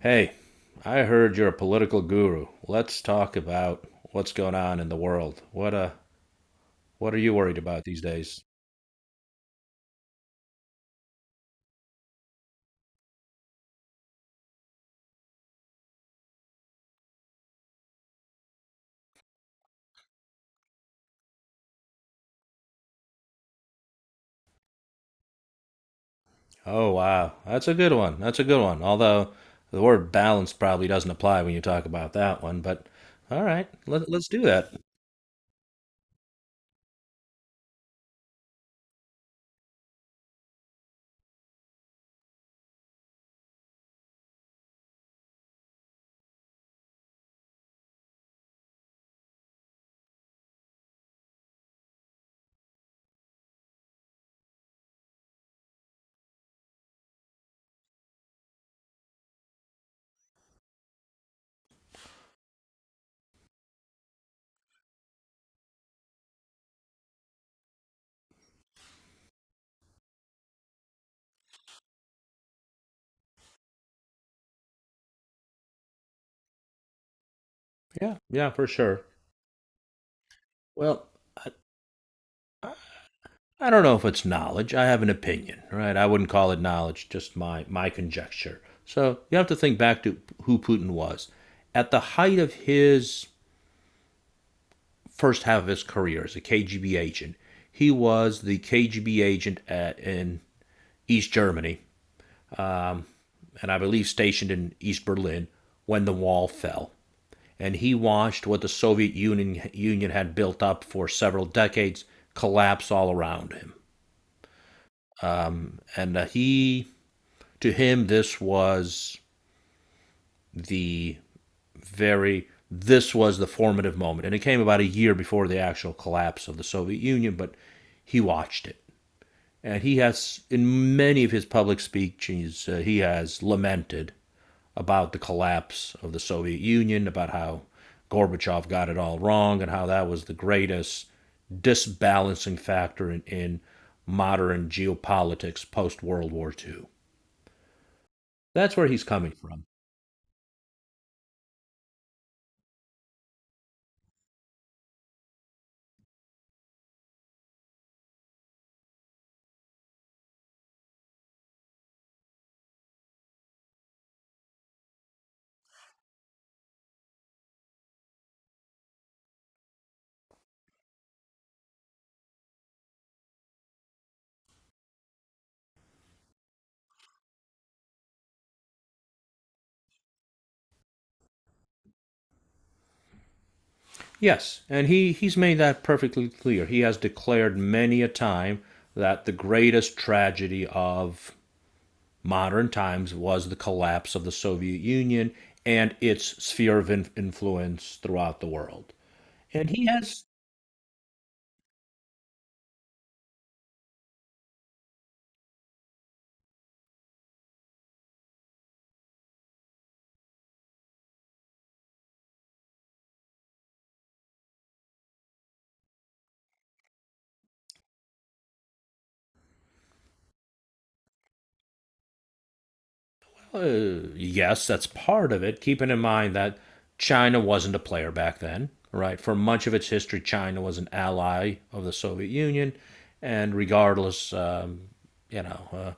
Hey, I heard you're a political guru. Let's talk about what's going on in the world. What are you worried about these days? Oh wow, that's a good one. That's a good one. Although the word balance probably doesn't apply when you talk about that one, but all right, let's do that. Yeah, yeah, for sure. Well, I don't know if it's knowledge. I have an opinion, right? I wouldn't call it knowledge, just my conjecture. So you have to think back to who Putin was at the height of his first half of his career as a KGB agent. He was the KGB agent at in East Germany, um, and I believe stationed in East Berlin when the wall fell. And he watched what the Soviet Union had built up for several decades collapse all around him. And to him, this was the very this was the formative moment. And it came about a year before the actual collapse of the Soviet Union, but he watched it. And he has, in many of his public speeches, he has lamented about the collapse of the Soviet Union, about how Gorbachev got it all wrong, and how that was the greatest disbalancing factor in modern geopolitics post World War II. That's where he's coming from. Yes, and he's made that perfectly clear. He has declared many a time that the greatest tragedy of modern times was the collapse of the Soviet Union and its sphere of influence throughout the world. And he has, yes, that's part of it, keeping in mind that China wasn't a player back then, right? For much of its history, China was an ally of the Soviet Union, and regardless, you know, uh,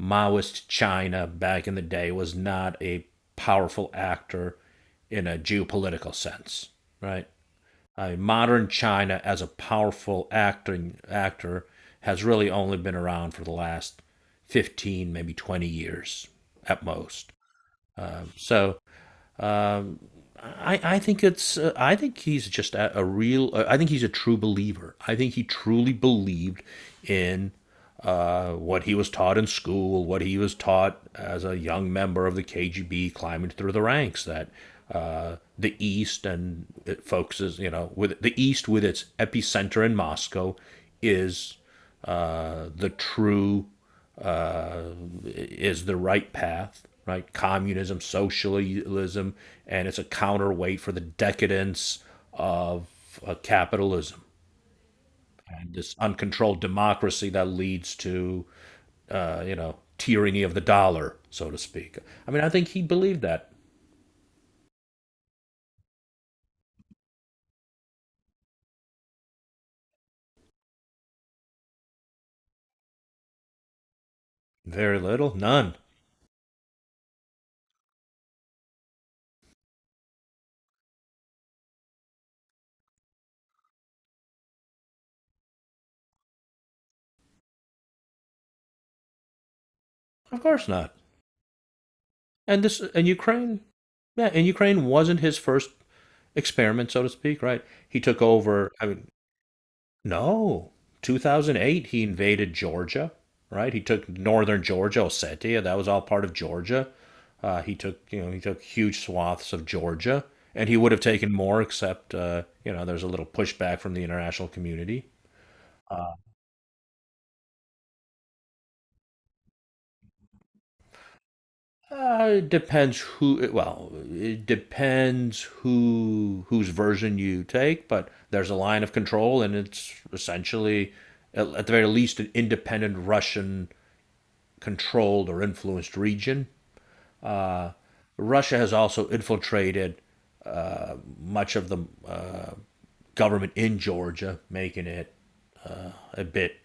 Maoist China back in the day was not a powerful actor in a geopolitical sense, right? I modern China as a powerful acting actor has really only been around for the last 15, maybe 20 years at most. So I think it's I think he's just a real I think he's a true believer. I think he truly believed in what he was taught in school, what he was taught as a young member of the KGB climbing through the ranks that the East and it focuses with the East with its epicenter in Moscow is uh, the true is the right path, right? Communism, socialism, and it's a counterweight for the decadence of capitalism and this uncontrolled democracy that leads to, tyranny of the dollar, so to speak. I mean, I think he believed that. Very little, none. Of course not. And this, and Ukraine, yeah, and Ukraine wasn't his first experiment, so to speak, right? He took over. I mean, no. 2008, he invaded Georgia, right? He took northern Georgia, Ossetia. That was all part of Georgia. He took huge swaths of Georgia, and he would have taken more, except, there's a little pushback from the international community. It depends who. Well, it depends whose version you take, but there's a line of control, and it's essentially, at the very least, an independent Russian controlled or influenced region. Russia has also infiltrated uh, much of the government in Georgia, making it a bit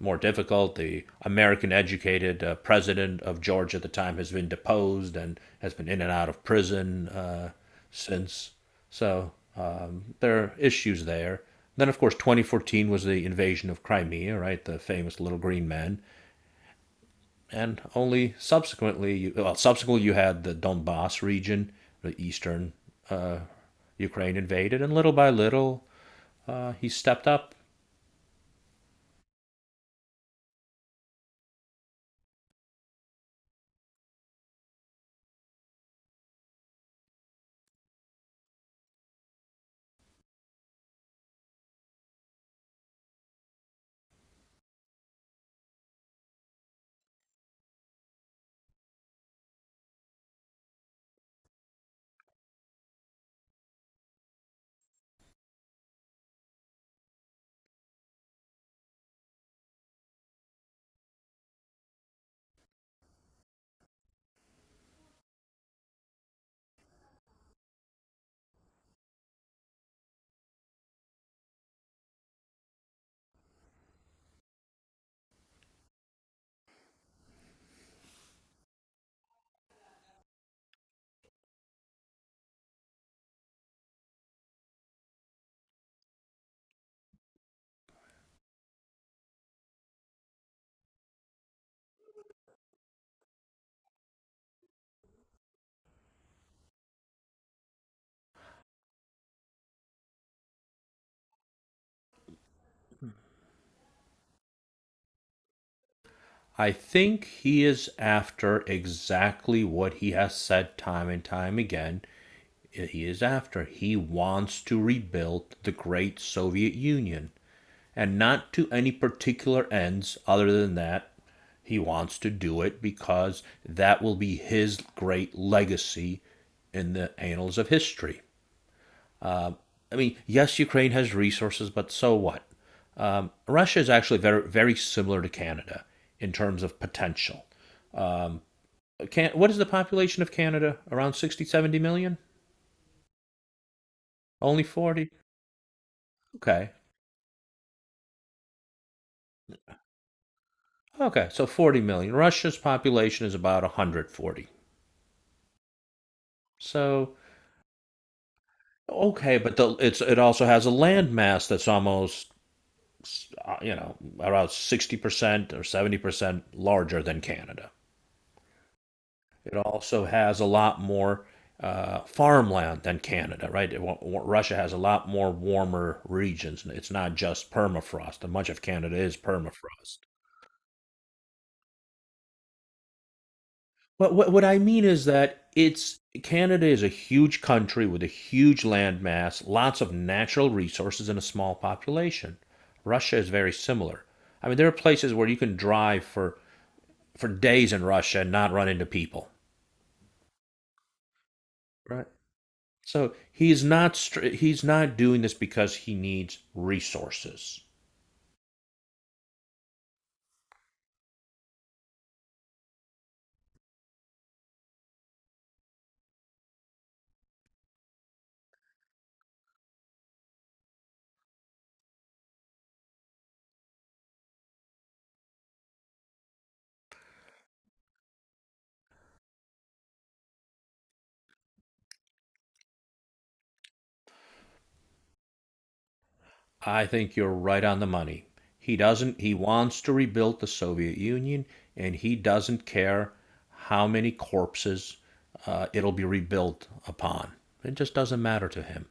more difficult. The American educated president of Georgia at the time has been deposed and has been in and out of prison since. So, there are issues there. Then, of course, 2014 was the invasion of Crimea, right? The famous Little Green Men. And only subsequently, well, subsequently you had the Donbass region, the eastern uh, Ukraine invaded, and little by little, he stepped up. I think he is after exactly what he has said time and time again. He is after. He wants to rebuild the great Soviet Union. And not to any particular ends other than that he wants to do it because that will be his great legacy in the annals of history. Uh, I mean, yes, Ukraine has resources, but so what? Russia is actually very, very similar to Canada in terms of potential. Um, what is the population of Canada? Around 60, 70 million? Only 40? Okay. Okay, so 40 million. Russia's population is about 140. So, okay, but it also has a land mass that's almost around 60% or 70% larger than Canada. It also has a lot more farmland than Canada, right? Russia has a lot more warmer regions. It's not just permafrost, and much of Canada is permafrost. But what I mean is that it's Canada is a huge country with a huge landmass, lots of natural resources, and a small population. Russia is very similar. I mean, there are places where you can drive for days in Russia and not run into people. Right. So he's not doing this because he needs resources. I think you're right on the money. He doesn't, he wants to rebuild the Soviet Union, and he doesn't care how many corpses it'll be rebuilt upon. It just doesn't matter to him.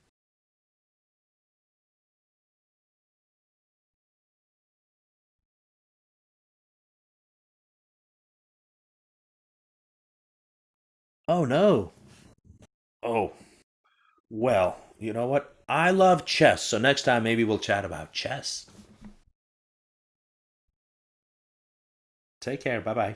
Oh, no. Oh, well, you know what? I love chess, so next time maybe we'll chat about chess. Take care. Bye bye.